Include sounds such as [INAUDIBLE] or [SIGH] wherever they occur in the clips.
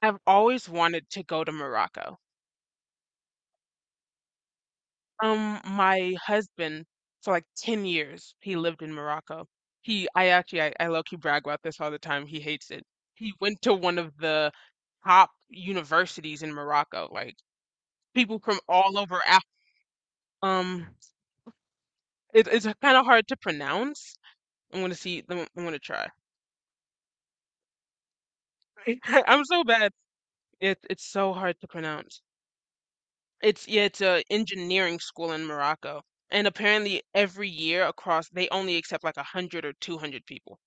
I've always wanted to go to Morocco. My husband, for like 10 years, he lived in Morocco. He, I actually, I low-key brag about this all the time. He hates it. He went to one of the top universities in Morocco, like people from all over Af Um, it's kind of hard to pronounce. I'm gonna try. [LAUGHS] I'm so bad. It's so hard to pronounce. It's yeah, it's a engineering school in Morocco. And apparently every year across they only accept like 100 or 200 people.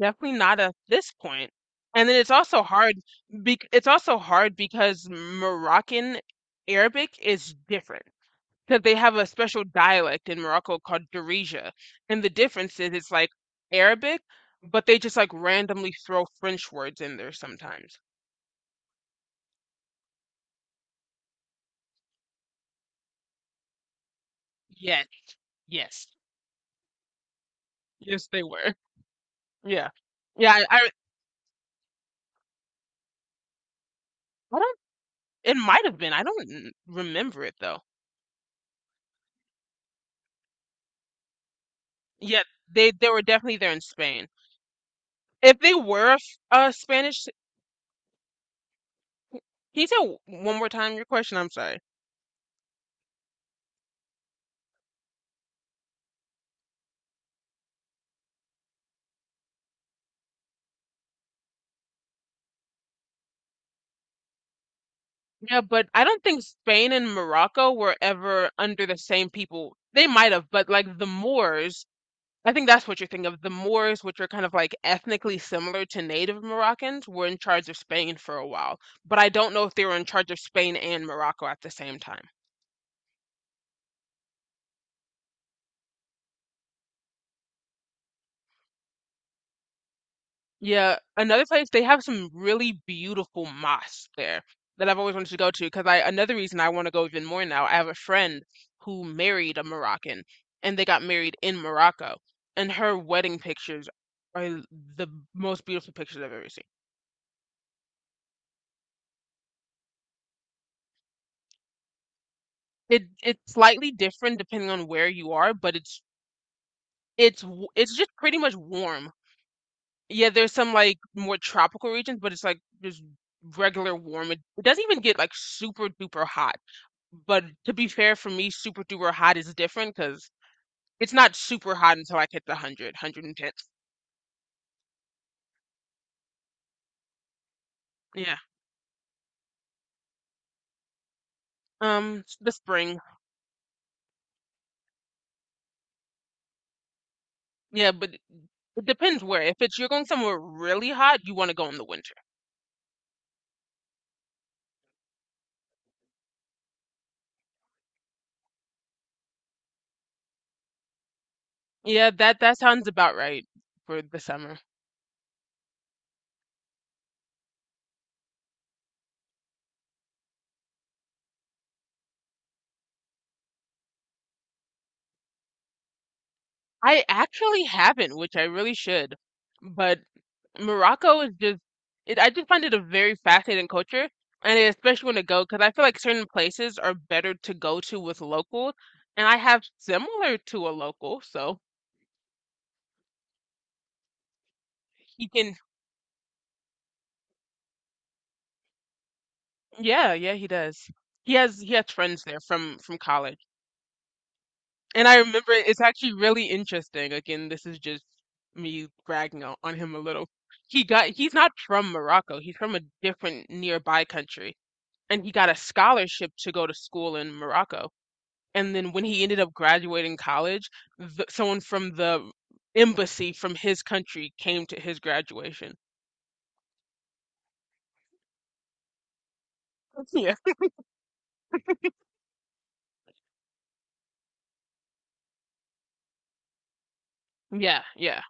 Definitely not at this point. And then it's also hard bec it's also hard because Moroccan Arabic is different. Because they have a special dialect in Morocco called Darija. And the difference is it's like Arabic, but they just like randomly throw French words in there sometimes. Yes, yes. Yes, they were. Yeah. Yeah, I I don't It might have been. I don't remember it though. Yet they were definitely there in Spain. If they were Spanish, can you tell one more time your question? I'm sorry. Yeah, but I don't think Spain and Morocco were ever under the same people. They might have, but like the Moors, I think that's what you're thinking of. The Moors, which are kind of like ethnically similar to native Moroccans, were in charge of Spain for a while. But I don't know if they were in charge of Spain and Morocco at the same time. Yeah, another place they have some really beautiful mosques there that I've always wanted to go to because I another reason I want to go even more now. I have a friend who married a Moroccan and they got married in Morocco and her wedding pictures are the most beautiful pictures I've ever seen. It's slightly different depending on where you are, but it's just pretty much warm. Yeah, there's some like more tropical regions, but it's like just regular warm. It doesn't even get like super duper hot. But to be fair, for me, super duper hot is different because it's not super hot until I hit the 100, yeah. The spring. Yeah, but it depends where. If it's you're going somewhere really hot, you want to go in the winter. Yeah, that sounds about right for the summer. I actually haven't, which I really should. But Morocco is just it, I just find it a very fascinating culture, and especially when to go because I feel like certain places are better to go to with locals, and I have similar to a local, so he can. Yeah, yeah, he does. He has friends there from college, and I remember it's actually really interesting. Again, this is just me bragging on him a little. He's not from Morocco. He's from a different nearby country and he got a scholarship to go to school in Morocco. And then when he ended up graduating college, the, someone from the embassy from his country came to his graduation. [LAUGHS] Yeah. Yeah, yeah.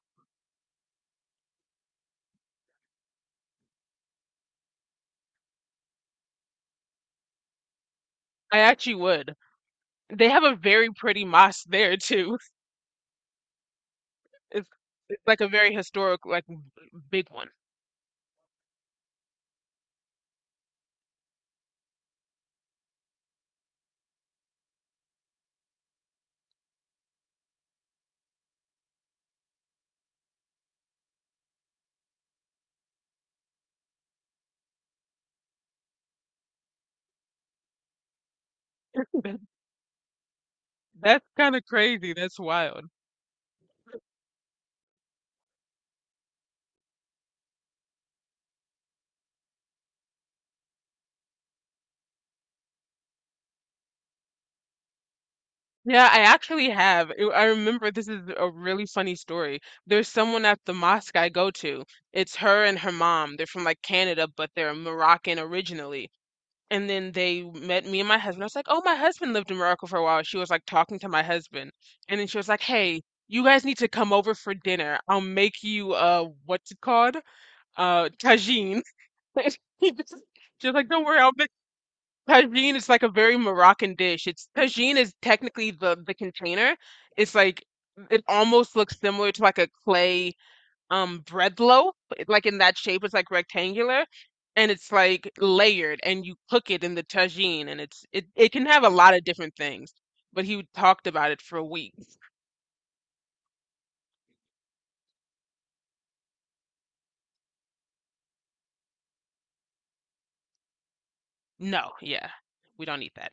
I actually would. They have a very pretty mosque there too. [LAUGHS] It's, it's like a very historic, like big one. [LAUGHS] That's kind of crazy. That's wild. Yeah, I actually have. I remember this is a really funny story. There's someone at the mosque I go to. It's her and her mom. They're from like Canada, but they're Moroccan originally. And then they met me and my husband. I was like, "Oh, my husband lived in Morocco for a while." She was like talking to my husband, and then she was like, "Hey, you guys need to come over for dinner. I'll make you what's it called? Tagine." [LAUGHS] She was like, "Don't worry, I'll make." Tagine is like a very Moroccan dish. It's tagine is technically the container. It's like it almost looks similar to like a clay bread loaf. It- Like in that shape, it's like rectangular and it's like layered and you cook it in the tagine and it can have a lot of different things. But he talked about it for a week. No, yeah. We don't eat that.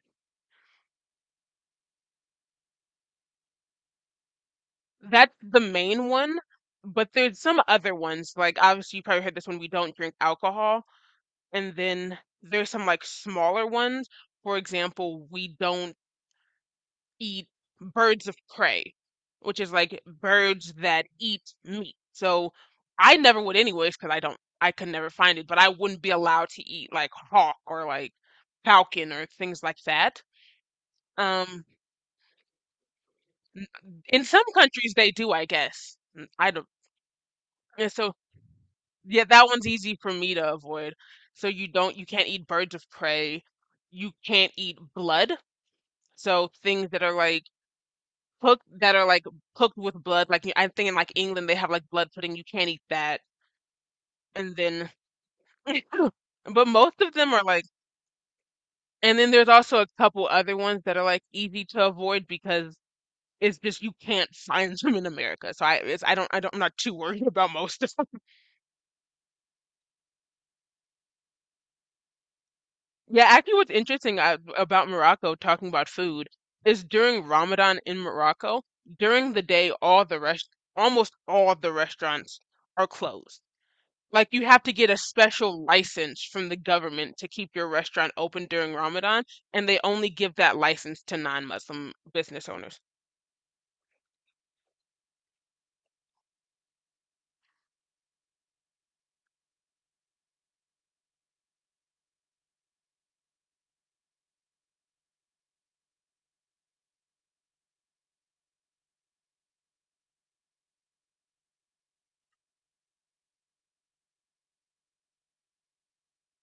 That's the main one, but there's some other ones. Like obviously you probably heard this one, we don't drink alcohol. And then there's some like smaller ones. For example, we don't eat birds of prey, which is like birds that eat meat. So I never would anyways, because I don't, I could never find it, but I wouldn't be allowed to eat like hawk or like falcon or things like that. Um, n- in some countries they do, I guess. I don't, yeah, so yeah, that one's easy for me to avoid. So you don't, you can't eat birds of prey. You can't eat blood. So things that are like cooked that are like cooked with blood, like I think in like England they have like blood pudding, you can't eat that. And then [LAUGHS] but most of them are like and then there's also a couple other ones that are like easy to avoid because it's just you can't find them in America. So I don't I'm not too worried [LAUGHS] about most of them. Yeah, actually what's interesting about Morocco talking about food is during Ramadan in Morocco, during the day all the rest almost all the restaurants are closed. Like you have to get a special license from the government to keep your restaurant open during Ramadan, and they only give that license to non-Muslim business owners.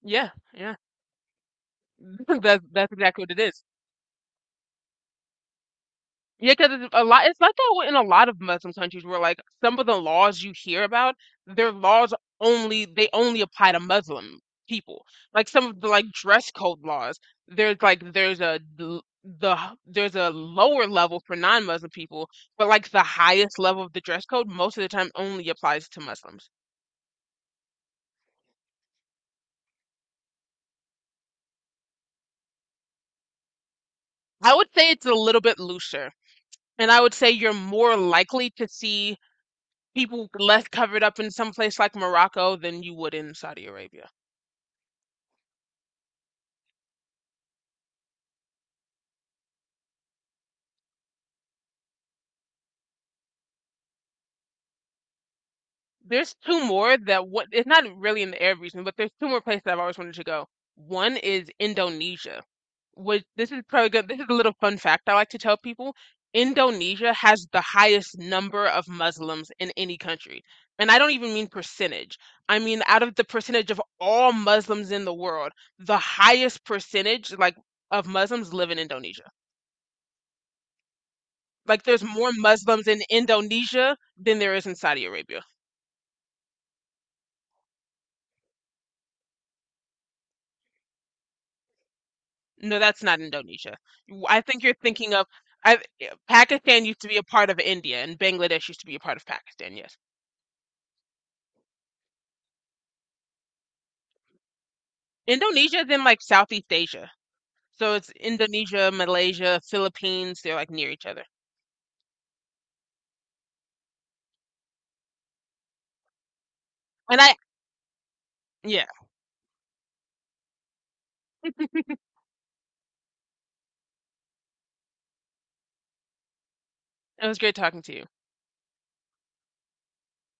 Yeah, yeah. [LAUGHS] That's exactly what it is. Yeah, because a lot, it's like that in a lot of Muslim countries where like some of the laws you hear about, their laws only they only apply to Muslim people. Like some of the like dress code laws, there's like there's a l- the h- there's a lower level for non-Muslim people, but like the highest level of the dress code most of the time only applies to Muslims. I would say it's a little bit looser, and I would say you're more likely to see people less covered up in some place like Morocco than you would in Saudi Arabia. There's two more that what it's not really in the Arab region, but there's two more places I've always wanted to go. One is Indonesia, which this is probably good. This is a little fun fact I like to tell people. Indonesia has the highest number of Muslims in any country. And I don't even mean percentage. I mean out of the percentage of all Muslims in the world, the highest percentage like of Muslims live in Indonesia. Like there's more Muslims in Indonesia than there is in Saudi Arabia. No, that's not Indonesia. I think you're thinking of I, yeah, Pakistan used to be a part of India, and Bangladesh used to be a part of Pakistan, yes. Indonesia is in like Southeast Asia. So it's Indonesia, Malaysia, Philippines, they're like near each other. And I, yeah, it was great talking to you.